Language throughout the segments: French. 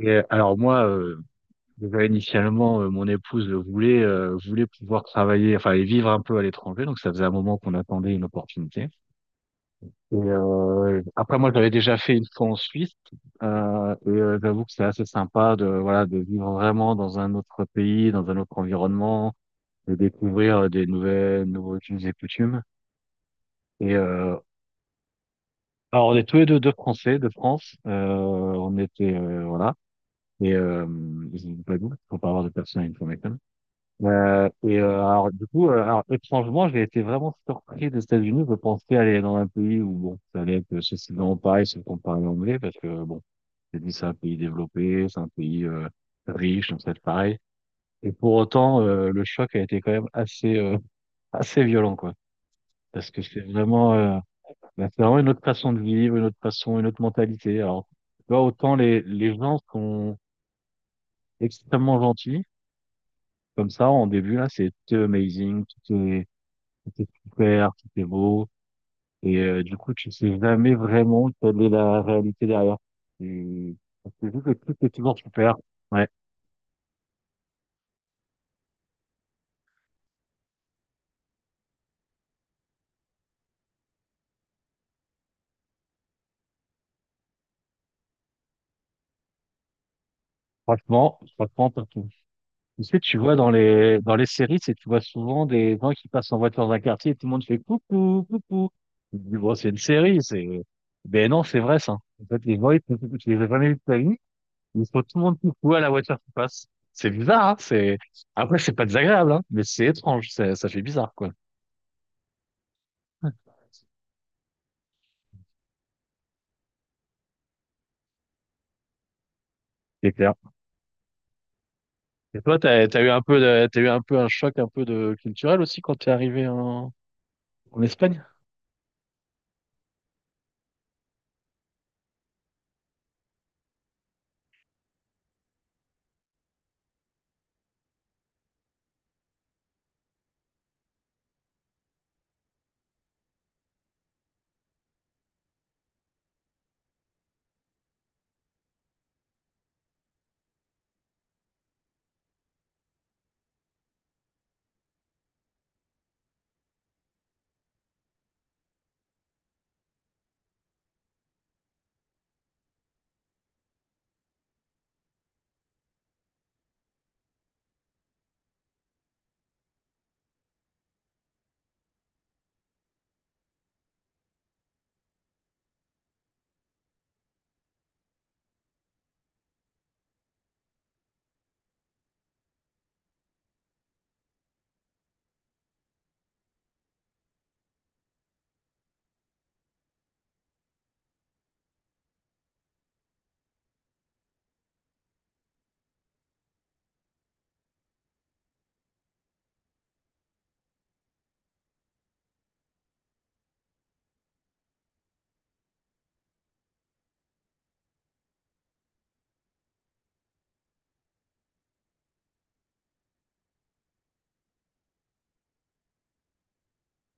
Et alors moi, déjà, initialement, mon épouse voulait pouvoir travailler, enfin et vivre un peu à l'étranger, donc ça faisait un moment qu'on attendait une opportunité. Après moi, j'avais déjà fait une fois en Suisse, j'avoue que c'est assez sympa de voilà de vivre vraiment dans un autre pays, dans un autre environnement, de découvrir des nouvelles nouveaux us et coutumes. Et euh, alors on est tous les deux Français de France, on était voilà. Et euh, Ils ont pas de doute, faut pas avoir de personne à une. Alors du coup, alors, étrangement, j'ai été vraiment surpris des États-Unis. Je pensais aller dans un pays où bon, ça allait être sensiblement pareil si on parlait anglais, parce que bon, c'est un pays développé, c'est un pays riche, donc ça va être pareil. Et pour autant, le choc a été quand même assez assez violent, quoi, parce que c'est vraiment une autre façon de vivre, une autre façon, une autre mentalité. Alors, tu vois, autant les gens sont extrêmement gentils, comme ça en début là, c'est tout est amazing, tout est super, tout est beau. Et du coup, tu sais jamais vraiment quelle est la réalité derrière. Et... Parce que vu que tout est toujours super, ouais, franchement, franchement, t'as tout. Tu sais, tu vois dans les séries, c'est tu vois souvent des gens qui passent en voiture dans un quartier et tout le monde fait coucou, coucou. Tu te dis, bon, c'est une série, Ben non, c'est vrai, ça. En fait, les gens, ils, font coucou, tu les as jamais vus de ta vie, ils font tout le monde coucou à la voiture qui passe. C'est bizarre, hein, Après, c'est pas désagréable, hein, mais c'est étrange, ça fait bizarre, quoi. C'est clair. Et toi, t'as eu un peu un choc un peu de culturel aussi quand t'es arrivé en Espagne?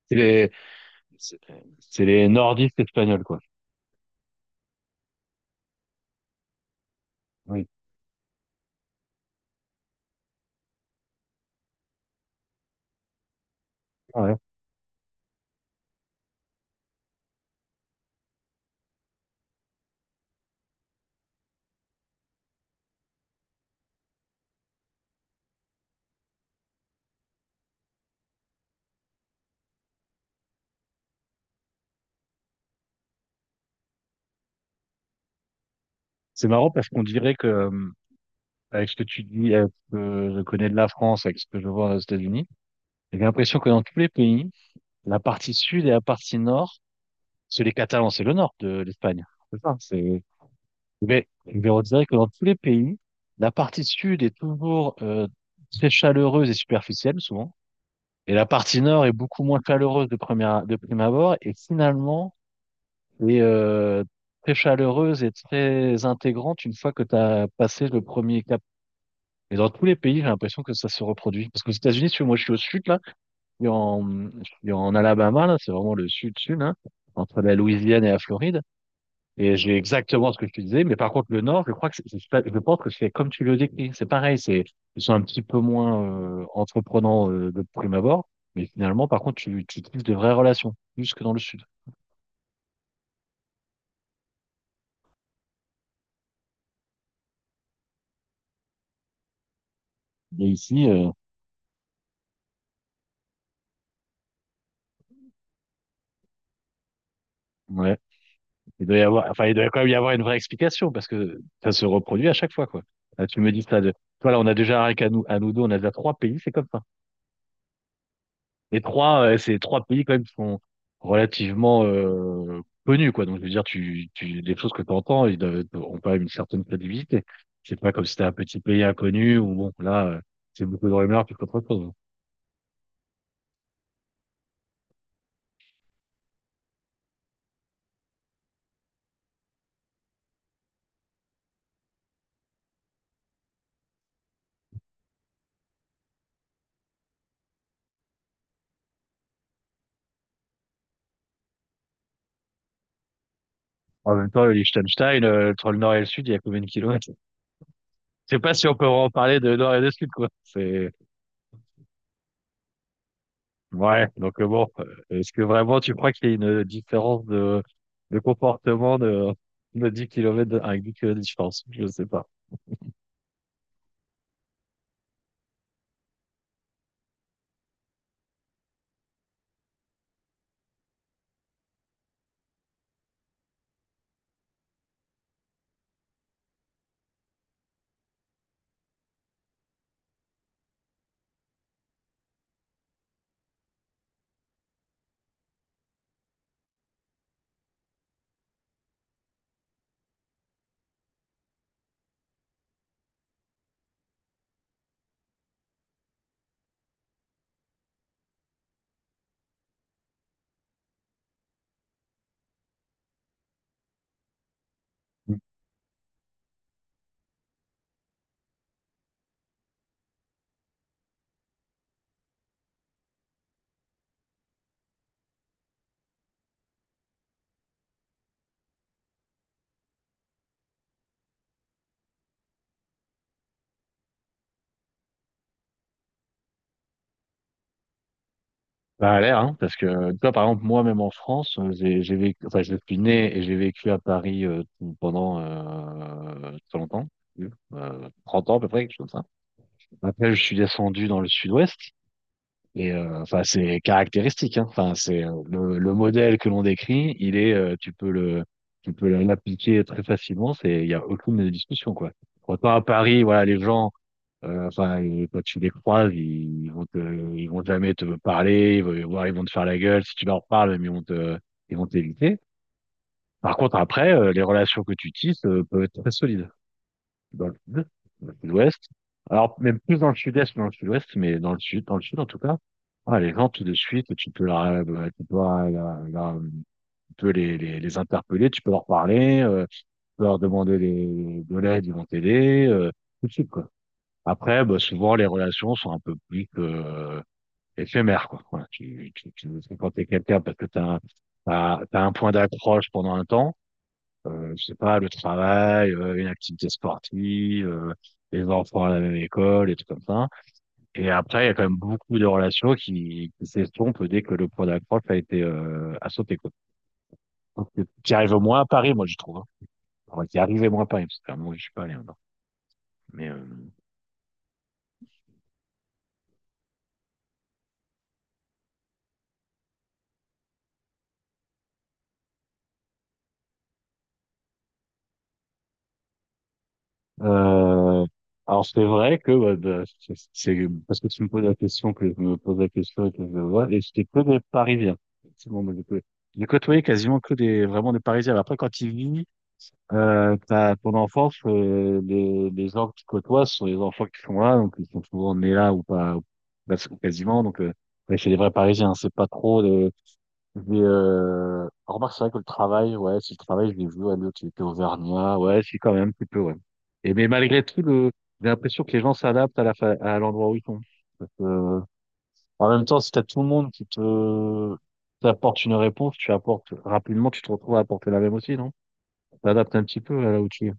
C'est les, c'est c'est les nordistes espagnols, quoi. Oui. Ouais. C'est marrant parce qu'on dirait que, avec ce que tu dis, avec ce que je connais de la France, avec ce que je vois aux États-Unis, j'ai l'impression que dans tous les pays, la partie sud et la partie nord, c'est les Catalans, c'est le nord de l'Espagne. C'est ça, c'est, mais on dirait que dans tous les pays, la partie sud est toujours, très chaleureuse et superficielle, souvent. Et la partie nord est beaucoup moins chaleureuse de prime abord et finalement est très chaleureuse et très intégrante une fois que tu as passé le premier cap. Et dans tous les pays, j'ai l'impression que ça se reproduit. Parce qu'aux États-Unis, si tu vois, moi je suis au sud là, et en, je suis en Alabama là, c'est vraiment le sud-sud hein entre la Louisiane et la Floride. Et j'ai exactement ce que je te disais, mais par contre le Nord, je crois que c'est pas- je pense que c'est comme tu le décris, c'est pareil, c'est ils sont un petit peu moins entreprenants de prime abord, mais finalement par contre tu tisses de vraies relations plus que dans le Sud. Et ici, ouais, il doit y avoir, enfin il doit quand même y avoir une vraie explication parce que ça se reproduit à chaque fois quoi. Là, tu me dis ça toi là on a déjà rien qu'à nous deux, on a déjà trois pays, c'est comme ça. Les trois, c'est trois pays quand même qui sont relativement connus, quoi. Donc, je veux dire, les choses que tu entends, ils doivent, ont quand même une certaine crédibilité. C'est pas comme si c'était un petit pays inconnu où, bon, là, c'est beaucoup de rumeurs plus qu'autre chose. En même temps, le Liechtenstein, entre le nord et le sud, il y a combien de kilomètres? Je sais pas si on peut en parler de nord et de sud, quoi. Ouais. Donc, bon, est-ce que vraiment tu crois qu'il y a une différence de comportement de 10 kilomètres avec 10 kilomètres de différence? Je sais pas. Ça a l'air, hein, parce que toi, par exemple, moi, même en France, j'ai vécu, enfin, je suis né et j'ai vécu à Paris pendant très longtemps, 30 ans à peu près, quelque chose comme ça. Après, je suis descendu dans le sud-ouest et enfin, c'est caractéristique, hein. Enfin, c'est le modèle que l'on décrit, il est, tu peux l'appliquer très facilement. Il y a aucune discussion, quoi. Autant à Paris, voilà, les gens. Enfin, quand tu les croises, ils vont ils vont jamais te parler, voire ils vont te faire la gueule si tu leur parles, mais ils vont ils vont t'éviter. Par contre, après, les relations que tu tisses, peuvent être très solides. Dans le sud, dans le sud-ouest. Alors, même plus dans le sud-est que dans le sud-ouest, mais dans le sud, en tout cas. Ah, les gens, tout de suite, tu peux leur, bah, tu peux, tu peux les interpeller, tu peux leur parler, tu peux leur demander de l'aide, ils vont t'aider, tout de suite, quoi. Après, bah, souvent, les relations sont un peu plus que éphémères, quoi. Voilà, tu veux fréquenter quelqu'un parce que t'as un point d'accroche pendant un temps. Je sais pas, le travail, une activité sportive, les enfants à la même école, et tout comme ça. Et après, il y a quand même beaucoup de relations qui s'estompent dès que le point d'accroche a sauté, quoi. Donc, tu arrives moins à Paris, moi, je trouve. Hein. Enfin, tu arrives moins à Paris, parce que moi, je suis pas allé encore. Mais, Euh, alors c'est vrai que bah, c'est parce que tu me poses la question que je me pose la question et que je vois et c'était que des Parisiens. Effectivement, moi, j'ai côtoyé quasiment que des vraiment des Parisiens. Après quand tu vis t'as ton enfance, les gens que tu côtoies ce sont les enfants qui sont là donc ils sont souvent nés là ou pas ou quasiment donc ouais, c'est des vrais Parisiens. C'est pas trop mais remarque, c'est vrai que le travail, ouais, si le travail, je l'ai vu, ouais, l'autre, il était auvergnat, ouais, si, quand même, un petit peu, ouais. Et mais malgré tout, j'ai l'impression que les gens s'adaptent à l'endroit où ils sont. Parce que, en même temps, si t'as tout le monde qui t'apporte une réponse, tu apportes, rapidement, tu te retrouves à apporter la même aussi, non? T'adaptes un petit peu à là où tu es.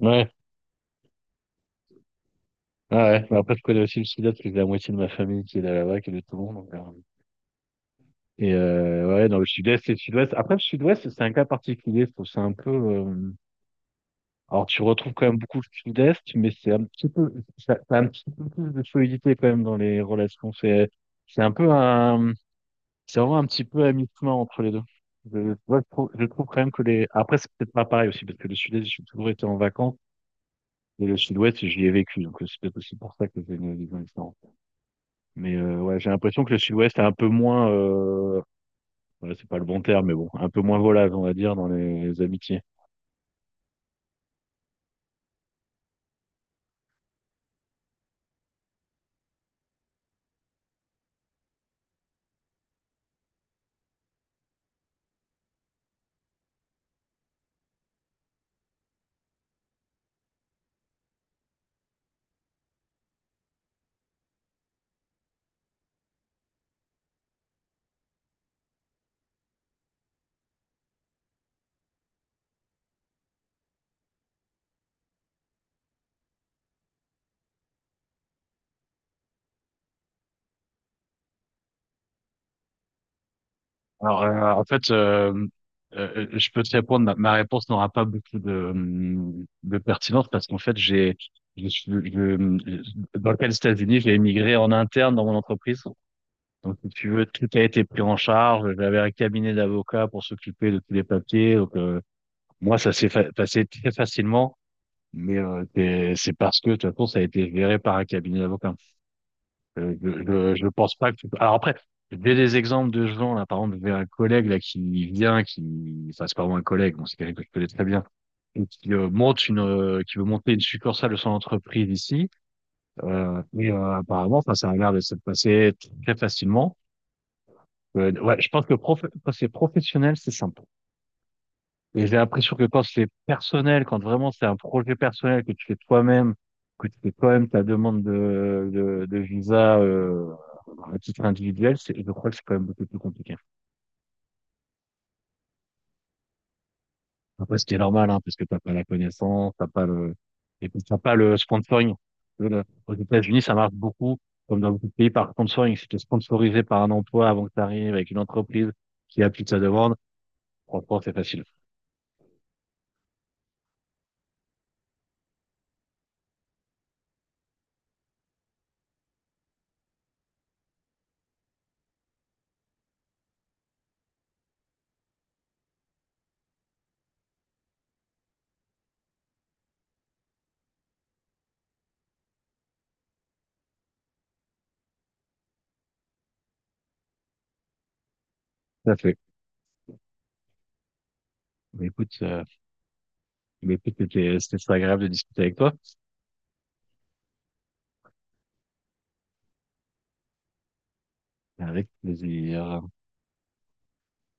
Ouais, ouais, ouais. Mais après, je connais aussi le sud-est, parce que j'ai la moitié de ma famille qui est là-bas, qui est de Toulon, donc, et ouais, dans le sud-est et le sud-ouest. Après, le sud-ouest, c'est un cas particulier, je trouve. Alors, tu retrouves quand même beaucoup le sud-est, mais c'est un petit peu, ça a un petit peu plus de solidité quand même dans les relations. C'est un peu un, c'est vraiment un petit peu à mi-chemin entre les deux. Moi, je trouve quand même que après, c'est peut-être pas pareil aussi, parce que le sud-est, j'ai toujours été en vacances, et le sud-ouest, j'y ai vécu. Donc, c'est peut-être aussi pour ça que j'ai une vision différente. Mais, ouais, j'ai l'impression que le sud-ouest est un peu moins, ouais, c'est pas le bon terme, mais bon, un peu moins volage, on va dire, dans les amitiés. Alors, en fait, je peux te répondre, ma réponse n'aura pas beaucoup de pertinence parce qu'en fait, j'ai, je, suis- je- dans le cas des États-Unis, j'ai émigré en interne dans mon entreprise. Donc, si tu veux, tout a été pris en charge. J'avais un cabinet d'avocats pour s'occuper de tous les papiers. Donc, moi, ça s'est passé très facilement, mais c'est parce que, de toute façon, ça a été géré par un cabinet d'avocats. Je pense pas que tu peux- Alors après, j'ai des exemples de gens, là, par exemple, j'ai un collègue là qui vient, qui, enfin, c'est pas vraiment un collègue, bon, c'est quelqu'un que je connais très bien, et qui qui veut monter une succursale de son entreprise ici, et apparemment, enfin, ça a l'air de se passer très facilement. Ouais, je pense que prof... quand c'est professionnel, c'est simple. Et j'ai l'impression que quand c'est personnel, quand vraiment c'est un projet personnel que tu fais toi-même ta demande de visa à titre individuel, je crois que c'est quand même beaucoup plus compliqué. Après, ce qui est normal, hein, parce que t'as pas la connaissance, t'as pas le, et puis t'as pas le sponsoring. Aux États-Unis, ça marche beaucoup, comme dans beaucoup de pays, par sponsoring. Si t'es sponsorisé par un emploi avant que tu arrives avec une entreprise qui appuie ta demande, franchement, c'est facile. Tout à fait. Mais écoute, euh, mais écoute, c'était très agréable de discuter avec toi. Avec plaisir.